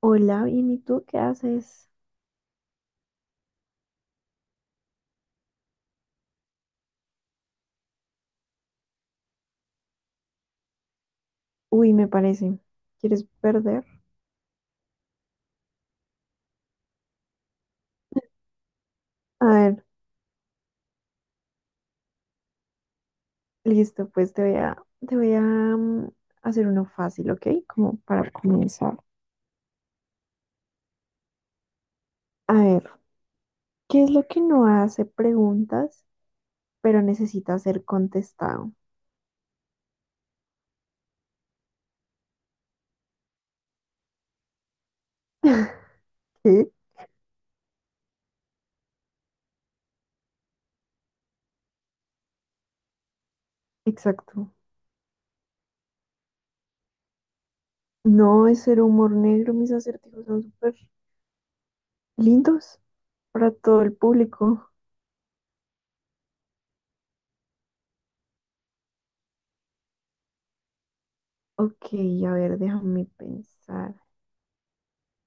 Hola, bien, ¿y tú qué haces? Uy, me parece. ¿Quieres perder? A ver, listo, pues te voy a hacer uno fácil, ¿ok? Como para comenzar. A ver, ¿qué es lo que no hace preguntas, pero necesita ser contestado? ¿Qué? Exacto. No es ser humor negro, mis acertijos son súper lindos para todo el público. Ok, a ver, déjame pensar.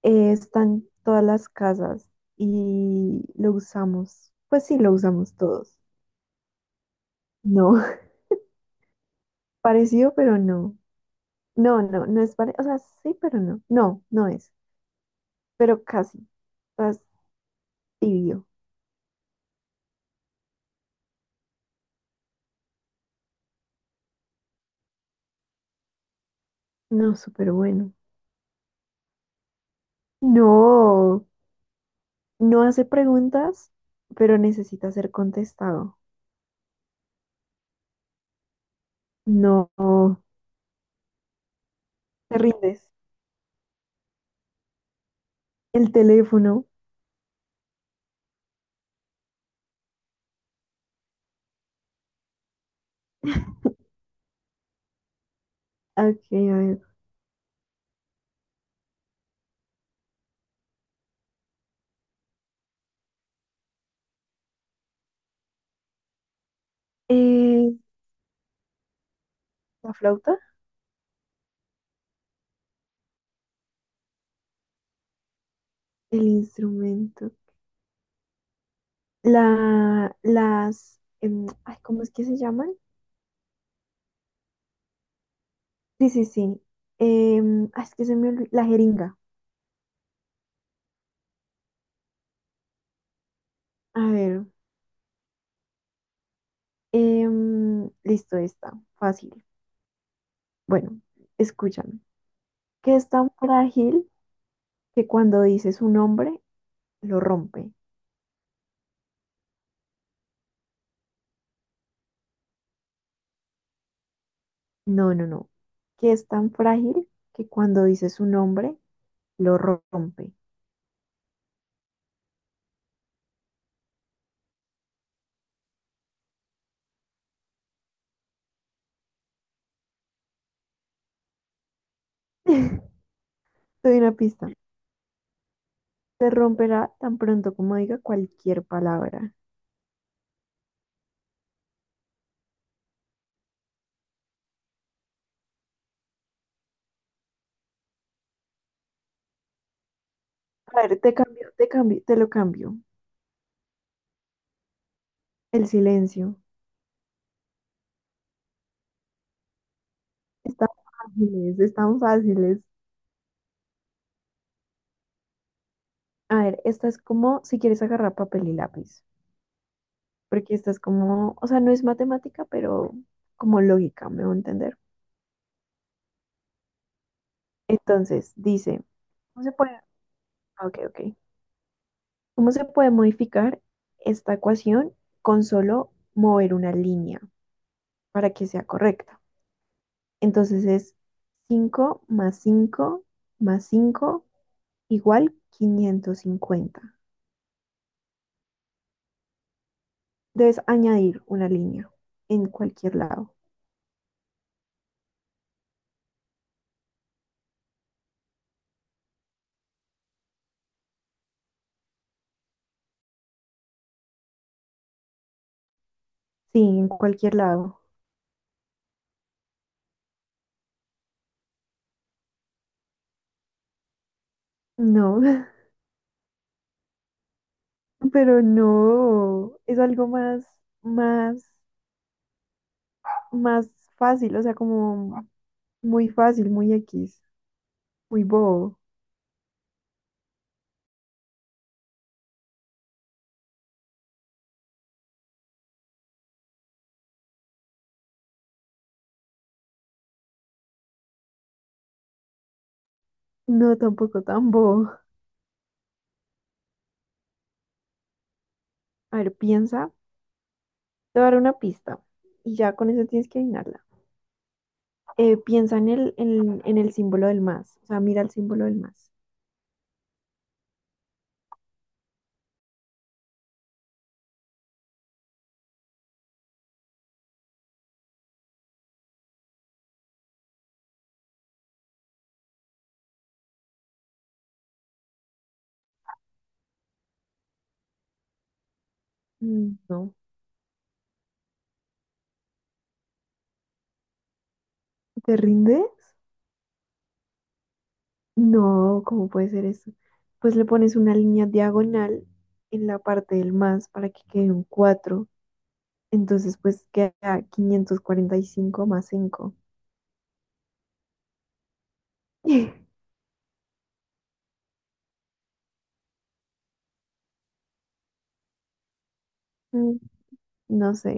Está todas las casas y lo usamos. Pues sí, lo usamos todos. No, parecido, pero no. No, no, no es parecido. O sea, sí, pero no. No, no es. Pero casi. Estás tibio. No, súper bueno. No, no hace preguntas, pero necesita ser contestado. No, te rindes. El teléfono. Ok, a ver. Eh, la flauta, el instrumento. Las, ay, ¿cómo es que se llaman? Sí, sí, sí. Ay, es que se me olvidó. La jeringa. A ver. Listo, está. Fácil. Bueno, escúchame. ¿Que es tan frágil que cuando dices un nombre, lo rompe? No, no, no. ¿Que es tan frágil que cuando dices un nombre, lo rompe? Te doy una pista. Se romperá tan pronto como diga cualquier palabra. A ver, te lo cambio. El silencio. Están fáciles, están fáciles. A ver, esta es como si quieres agarrar papel y lápiz, porque esta es como, o sea, no es matemática, pero como lógica, me voy a entender. Entonces, dice, ¿cómo se puede? Ok, ok. ¿Cómo se puede modificar esta ecuación con solo mover una línea para que sea correcta? Entonces es 5 más 5 más 5 igual 550. Debes añadir una línea en cualquier lado. Sí, en cualquier lado. No, pero no, es algo más, más, más fácil, o sea, como muy fácil, muy X, muy bobo. No, tampoco tan bobo. A ver, piensa, te voy a dar una pista y ya con eso tienes que adivinarla. Piensa en el símbolo del más, o sea, mira el símbolo del más. No, ¿te rindes? No, ¿cómo puede ser eso? Pues le pones una línea diagonal en la parte del más para que quede un 4. Entonces, pues queda 545 más cinco. Mm, No sé.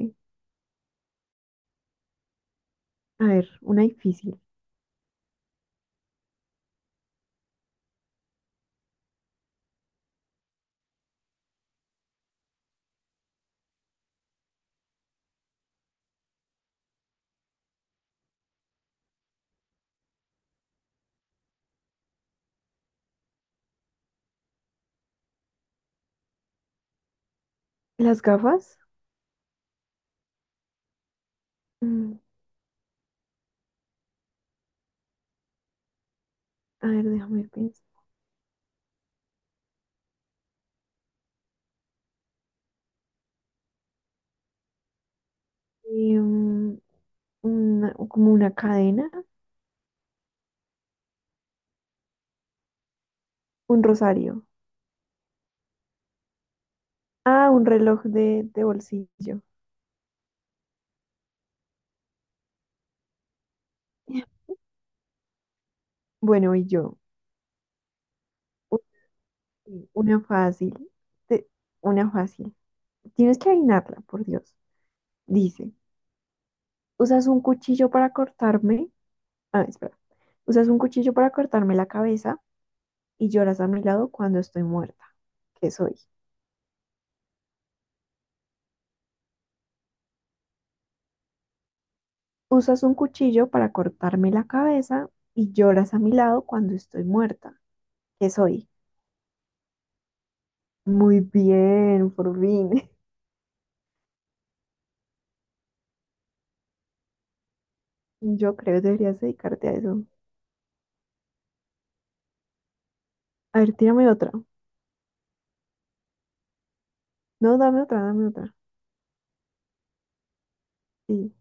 A ver, una difícil. ¿Las gafas? Mm, A ver, déjame pensar. Em, como una cadena, un rosario. Ah, un reloj de, bolsillo. Bueno, y yo. Uy, una fácil. Te- Una fácil. Tienes que adivinarla, por Dios. Dice, usas un cuchillo para cortarme. Ah, espera. Usas un cuchillo para cortarme la cabeza y lloras a mi lado cuando estoy muerta. ¿Qué soy? Usas un cuchillo para cortarme la cabeza y lloras a mi lado cuando estoy muerta. ¿Qué soy? Muy bien, por fin. Yo creo que deberías dedicarte a eso. A ver, tírame otra. No, dame otra, dame otra. Sí.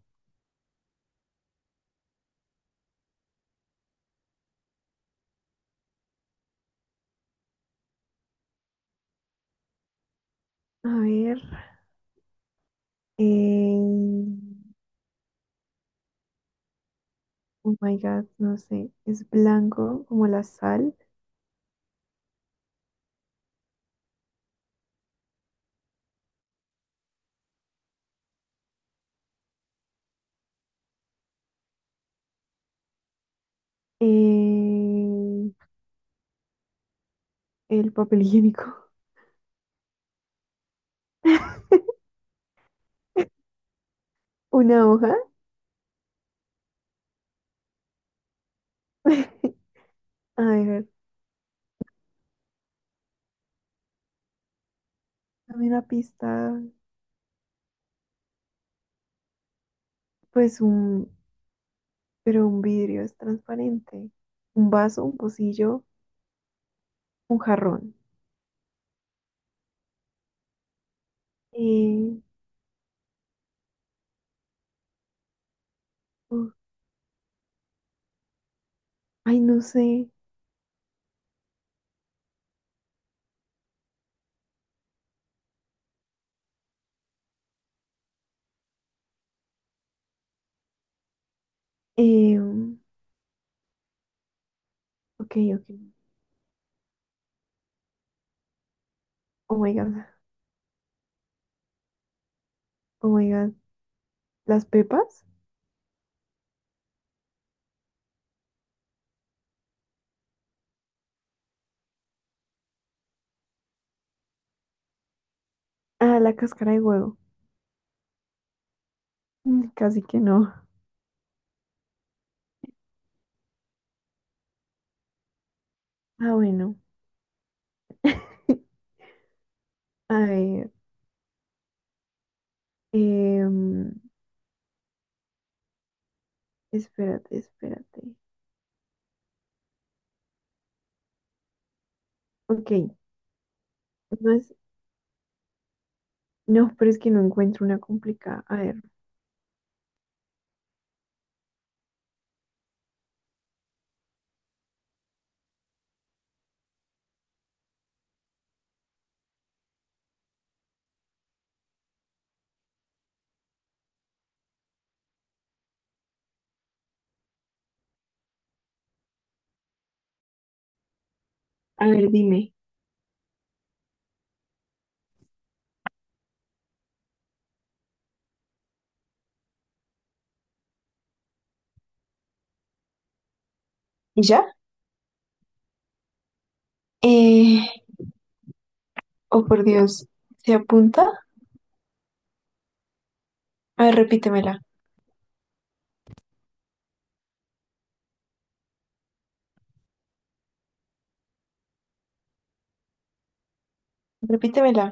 A ver. eh, Oh my God, no sé. Es blanco como la sal. eh, el papel higiénico. Una hoja. A ver, dame una pista. Pues pero un vidrio es transparente. Un vaso, un pocillo, un jarrón. Eh, Uf, ay, no sé. Ok, ok. Oh my God. Oh my God. ¿Las pepas? Ah, la cáscara de huevo. Casi que no. Ah, bueno. A ver. Em, Espérate, espérate. Ok, no es, no, pero es que no encuentro una complicada. A ver, dime. ¿Y ya? Eh, oh, por Dios, ¿se apunta? A ver, repítemela, repítemela.